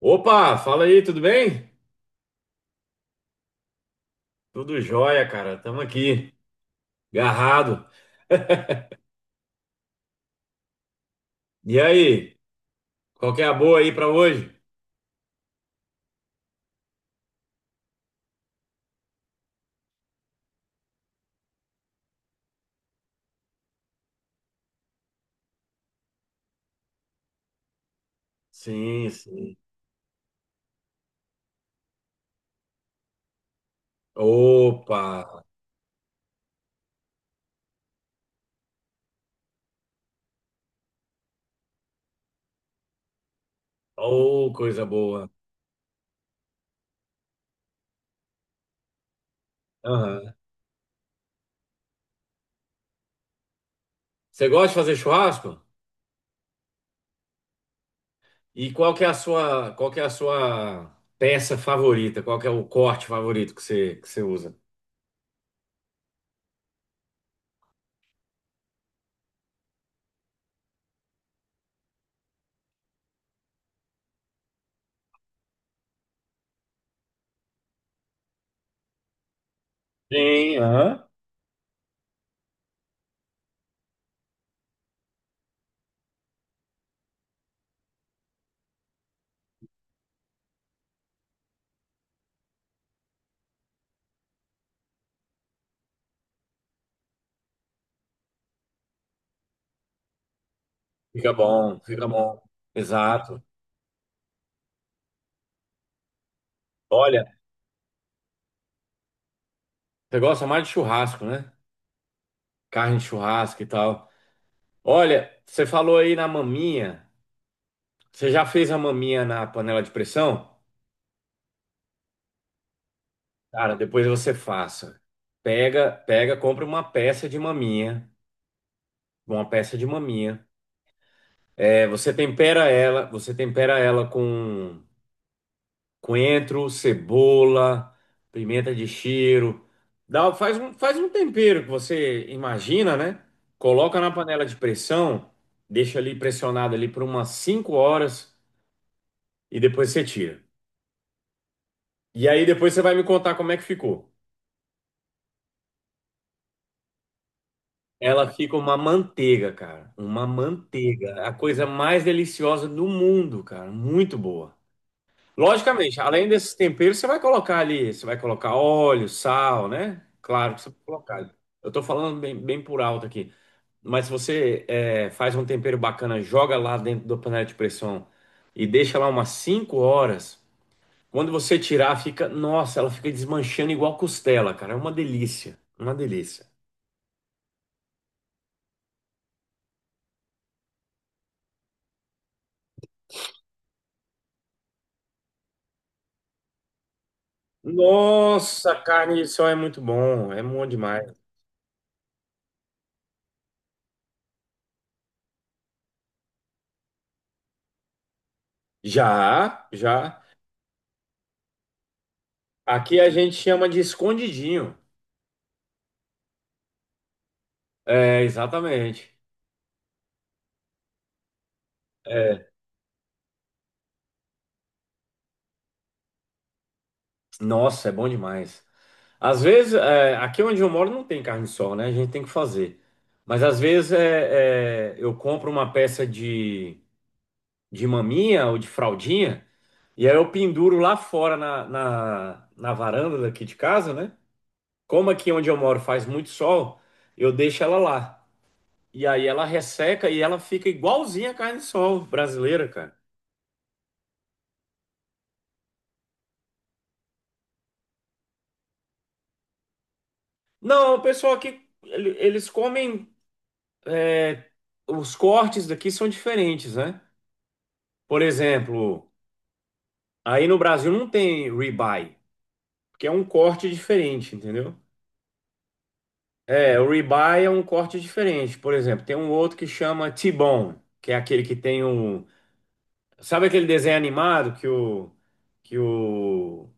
Opa, fala aí, tudo bem? Tudo jóia, cara. Tamo aqui, garrado. E aí, qual que é a boa aí pra hoje? Sim, sim. Opa, oh, coisa boa. Aham. Você gosta de fazer churrasco? E qual que é a sua, qual que é a sua peça favorita? Qual que é o corte favorito que você usa? Sim, aham. Fica bom, fica bom. Exato. Olha, você gosta mais de churrasco, né? Carne de churrasco e tal. Olha, você falou aí na maminha. Você já fez a maminha na panela de pressão? Cara, depois você faça. Pega, compra uma peça de maminha, uma peça de maminha. É, você tempera ela com coentro, cebola, pimenta de cheiro. Dá, faz um tempero que você imagina, né? Coloca na panela de pressão, deixa ali pressionado ali por umas 5 horas e depois você tira. E aí depois você vai me contar como é que ficou. Ela fica uma manteiga, cara. Uma manteiga. A coisa mais deliciosa do mundo, cara. Muito boa. Logicamente, além desses temperos, você vai colocar ali, você vai colocar óleo, sal, né? Claro que você vai colocar. Eu tô falando bem, bem por alto aqui. Mas se você faz um tempero bacana, joga lá dentro da panela de pressão e deixa lá umas 5 horas. Quando você tirar, fica. Nossa, ela fica desmanchando igual costela, cara. É uma delícia. Uma delícia. Nossa, carne de sol é muito bom, é bom demais. Já, já. Aqui a gente chama de escondidinho. É, exatamente. É. Nossa, é bom demais. Às vezes, aqui onde eu moro não tem carne de sol, né? A gente tem que fazer. Mas às vezes eu compro uma peça de maminha ou de fraldinha e aí eu penduro lá fora na varanda daqui de casa, né? Como aqui onde eu moro faz muito sol, eu deixo ela lá. E aí ela resseca e ela fica igualzinha a carne de sol brasileira, cara. Não, o pessoal aqui, ele- eles comem, é, os cortes daqui são diferentes, né? Por exemplo, aí no Brasil não tem ribeye, porque é um corte diferente, entendeu? É, o ribeye é um corte diferente. Por exemplo, tem um outro que chama T-bone, que é aquele que tem o... Sabe aquele desenho animado que o...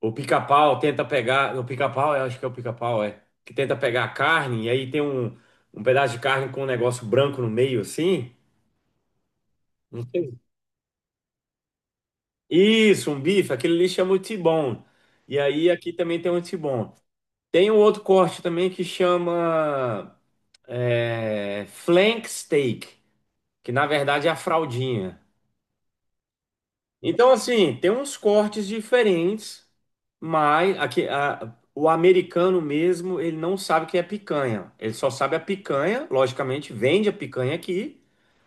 O pica-pau tenta pegar. O pica-pau, eu acho que é o pica-pau, é. Que tenta pegar a carne, e aí tem um, um pedaço de carne com um negócio branco no meio, assim. Não sei. Isso, um bife, aquele ali chama o T-bone. E aí aqui também tem um T-bone. Tem um outro corte também que chama flank steak, que na verdade é a fraldinha. Então, assim, tem uns cortes diferentes, mas aqui, a- o americano mesmo, ele não sabe o que é picanha. Ele só sabe a picanha, logicamente, vende a picanha aqui,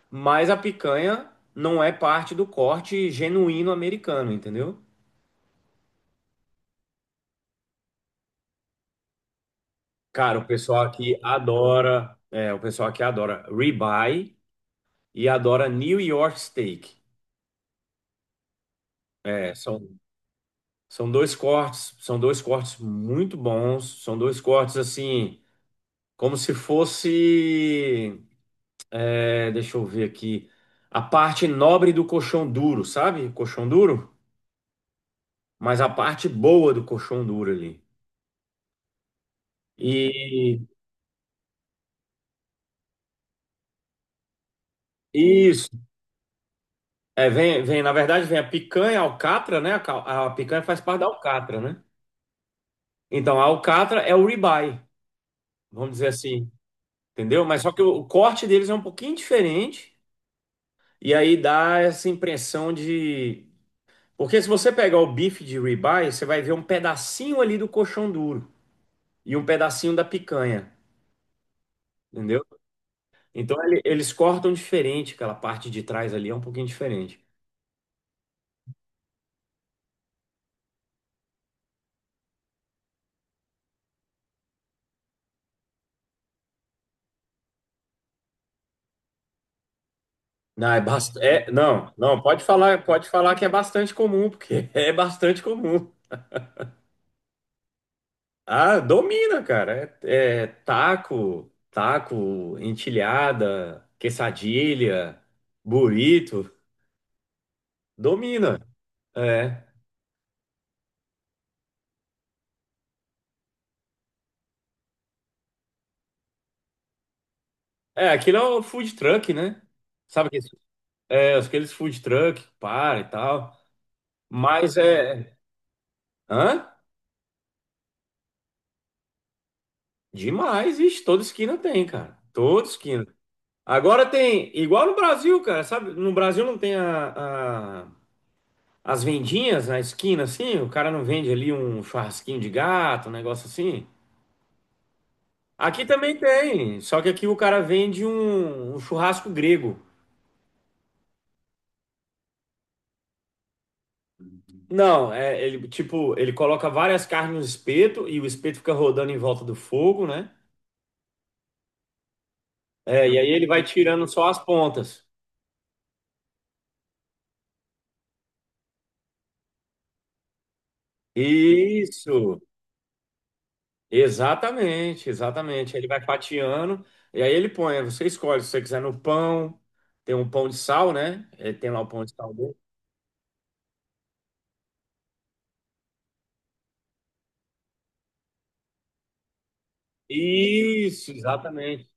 mas a picanha não é parte do corte genuíno americano, entendeu? Cara, o pessoal aqui adora, o pessoal aqui adora ribeye e adora New York Steak. São, são dois cortes muito bons, são dois cortes assim. Como se fosse, deixa eu ver aqui, a parte nobre do colchão duro, sabe? Colchão duro, mas a parte boa do colchão duro ali. E isso, é, vem, vem, na verdade, vem a picanha, a alcatra, né? A, cal- a picanha faz parte da alcatra, né? Então, a alcatra é o ribeye, vamos dizer assim, entendeu? Mas só que o corte deles é um pouquinho diferente, e aí dá essa impressão de porque se você pegar o bife de ribeye, você vai ver um pedacinho ali do coxão duro e um pedacinho da picanha, entendeu? Então ele- eles cortam diferente, aquela parte de trás ali é um pouquinho diferente. Não, é bastante. Não, não, pode falar que é bastante comum, porque é bastante comum. Ah, domina, cara. É taco, taco, entilhada, quesadilha, burrito, domina. É. É, aquilo é o food truck, né? Sabe o que é, aqueles food truck, para e tal. Mas é. Hã? Demais, vixe, toda esquina tem, cara. Toda esquina. Agora tem, igual no Brasil, cara, sabe? No Brasil não tem a- as vendinhas na esquina, assim? O cara não vende ali um churrasquinho de gato, um negócio assim? Aqui também tem, só que aqui o cara vende um, um churrasco grego. Não, é, ele, tipo, ele coloca várias carnes no espeto e o espeto fica rodando em volta do fogo, né? É, e aí ele vai tirando só as pontas. Isso, exatamente, exatamente. Ele vai fatiando e aí ele põe. Você escolhe se você quiser no pão, tem um pão de sal, né? Ele tem lá o pão de sal dele. Isso, exatamente.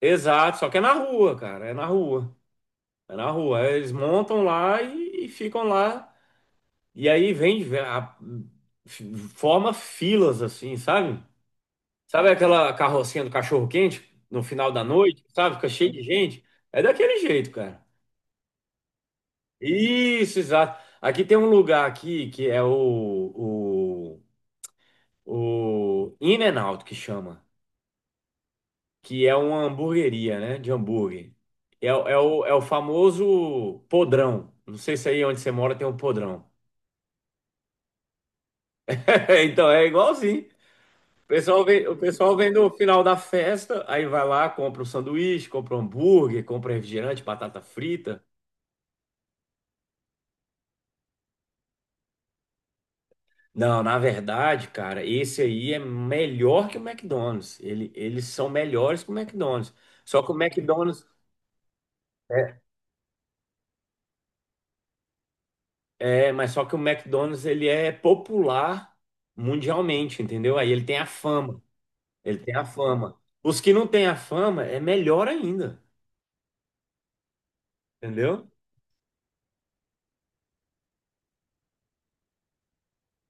Exato, só que é na rua, cara, é na rua. É na rua. Aí eles montam lá e ficam lá. E aí vem, a- forma filas assim, sabe? Sabe aquela carrocinha do cachorro-quente no final da noite, sabe? Fica cheio de gente. É daquele jeito, cara. Isso, exato. Aqui tem um lugar aqui que é o In and Out, que chama. Que é uma hamburgueria, né? De hambúrguer. É o famoso podrão. Não sei se aí onde você mora tem um podrão. Então é igualzinho. O pessoal vem no final da festa, aí vai lá, compra o sanduíche, compra o hambúrguer, compra refrigerante, batata frita. Não, na verdade, cara, esse aí é melhor que o McDonald's. Ele, eles são melhores que o McDonald's. Só que o McDonald's mas só que o McDonald's ele é popular mundialmente, entendeu? Aí ele tem a fama. Ele tem a fama. Os que não têm a fama é melhor ainda, entendeu?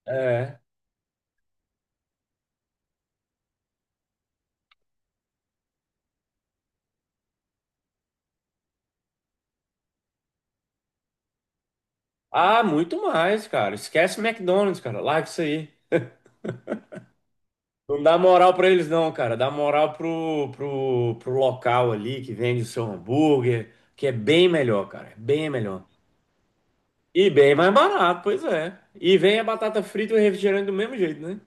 É. Ah, muito mais, cara. Esquece o McDonald's, cara. Larga isso aí. Não dá moral pra eles, não, cara. Dá moral pro local ali que vende o seu hambúrguer, que é bem melhor, cara. É bem melhor. E bem mais barato, pois é. E vem a batata frita e o refrigerante do mesmo jeito, né?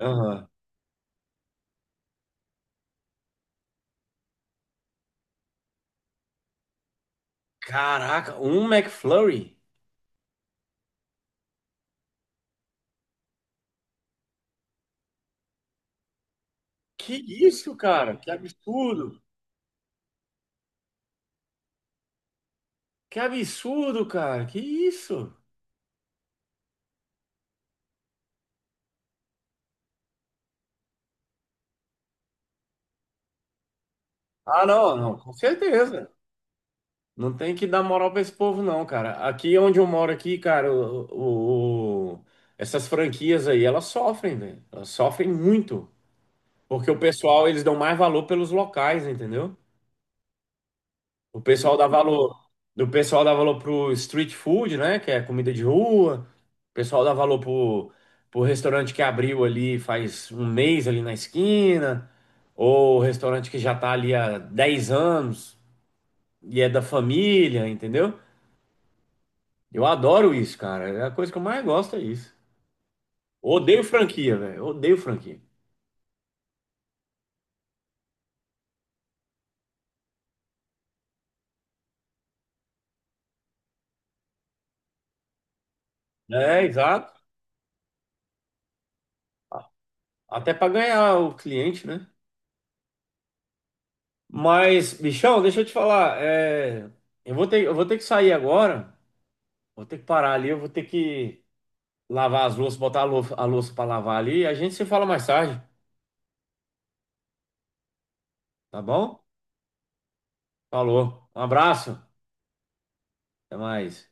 Aham. Caraca, um McFlurry? Que isso, cara? Que absurdo. Que absurdo, cara. Que isso? Ah, não, não, com certeza. Não tem que dar moral pra esse povo, não, cara. Aqui onde eu moro aqui, cara, o- essas franquias aí, elas sofrem, velho. Elas sofrem muito. Porque o pessoal, eles dão mais valor pelos locais, entendeu? O pessoal dá valor. Do pessoal dá valor pro street food, né? Que é comida de rua. O pessoal dá valor pro, pro restaurante que abriu ali faz um mês ali na esquina. Ou o restaurante que já tá ali há 10 anos e é da família, entendeu? Eu adoro isso, cara. É a coisa que eu mais gosto é isso. Odeio franquia, velho. Odeio franquia. É, exato. Até para ganhar o cliente, né? Mas, bichão, deixa eu te falar. Eu vou ter que sair agora. Vou ter que parar ali. Eu vou ter que lavar as louças, botar a louça para lavar ali. A gente se fala mais tarde, tá bom? Falou. Um abraço. Até mais.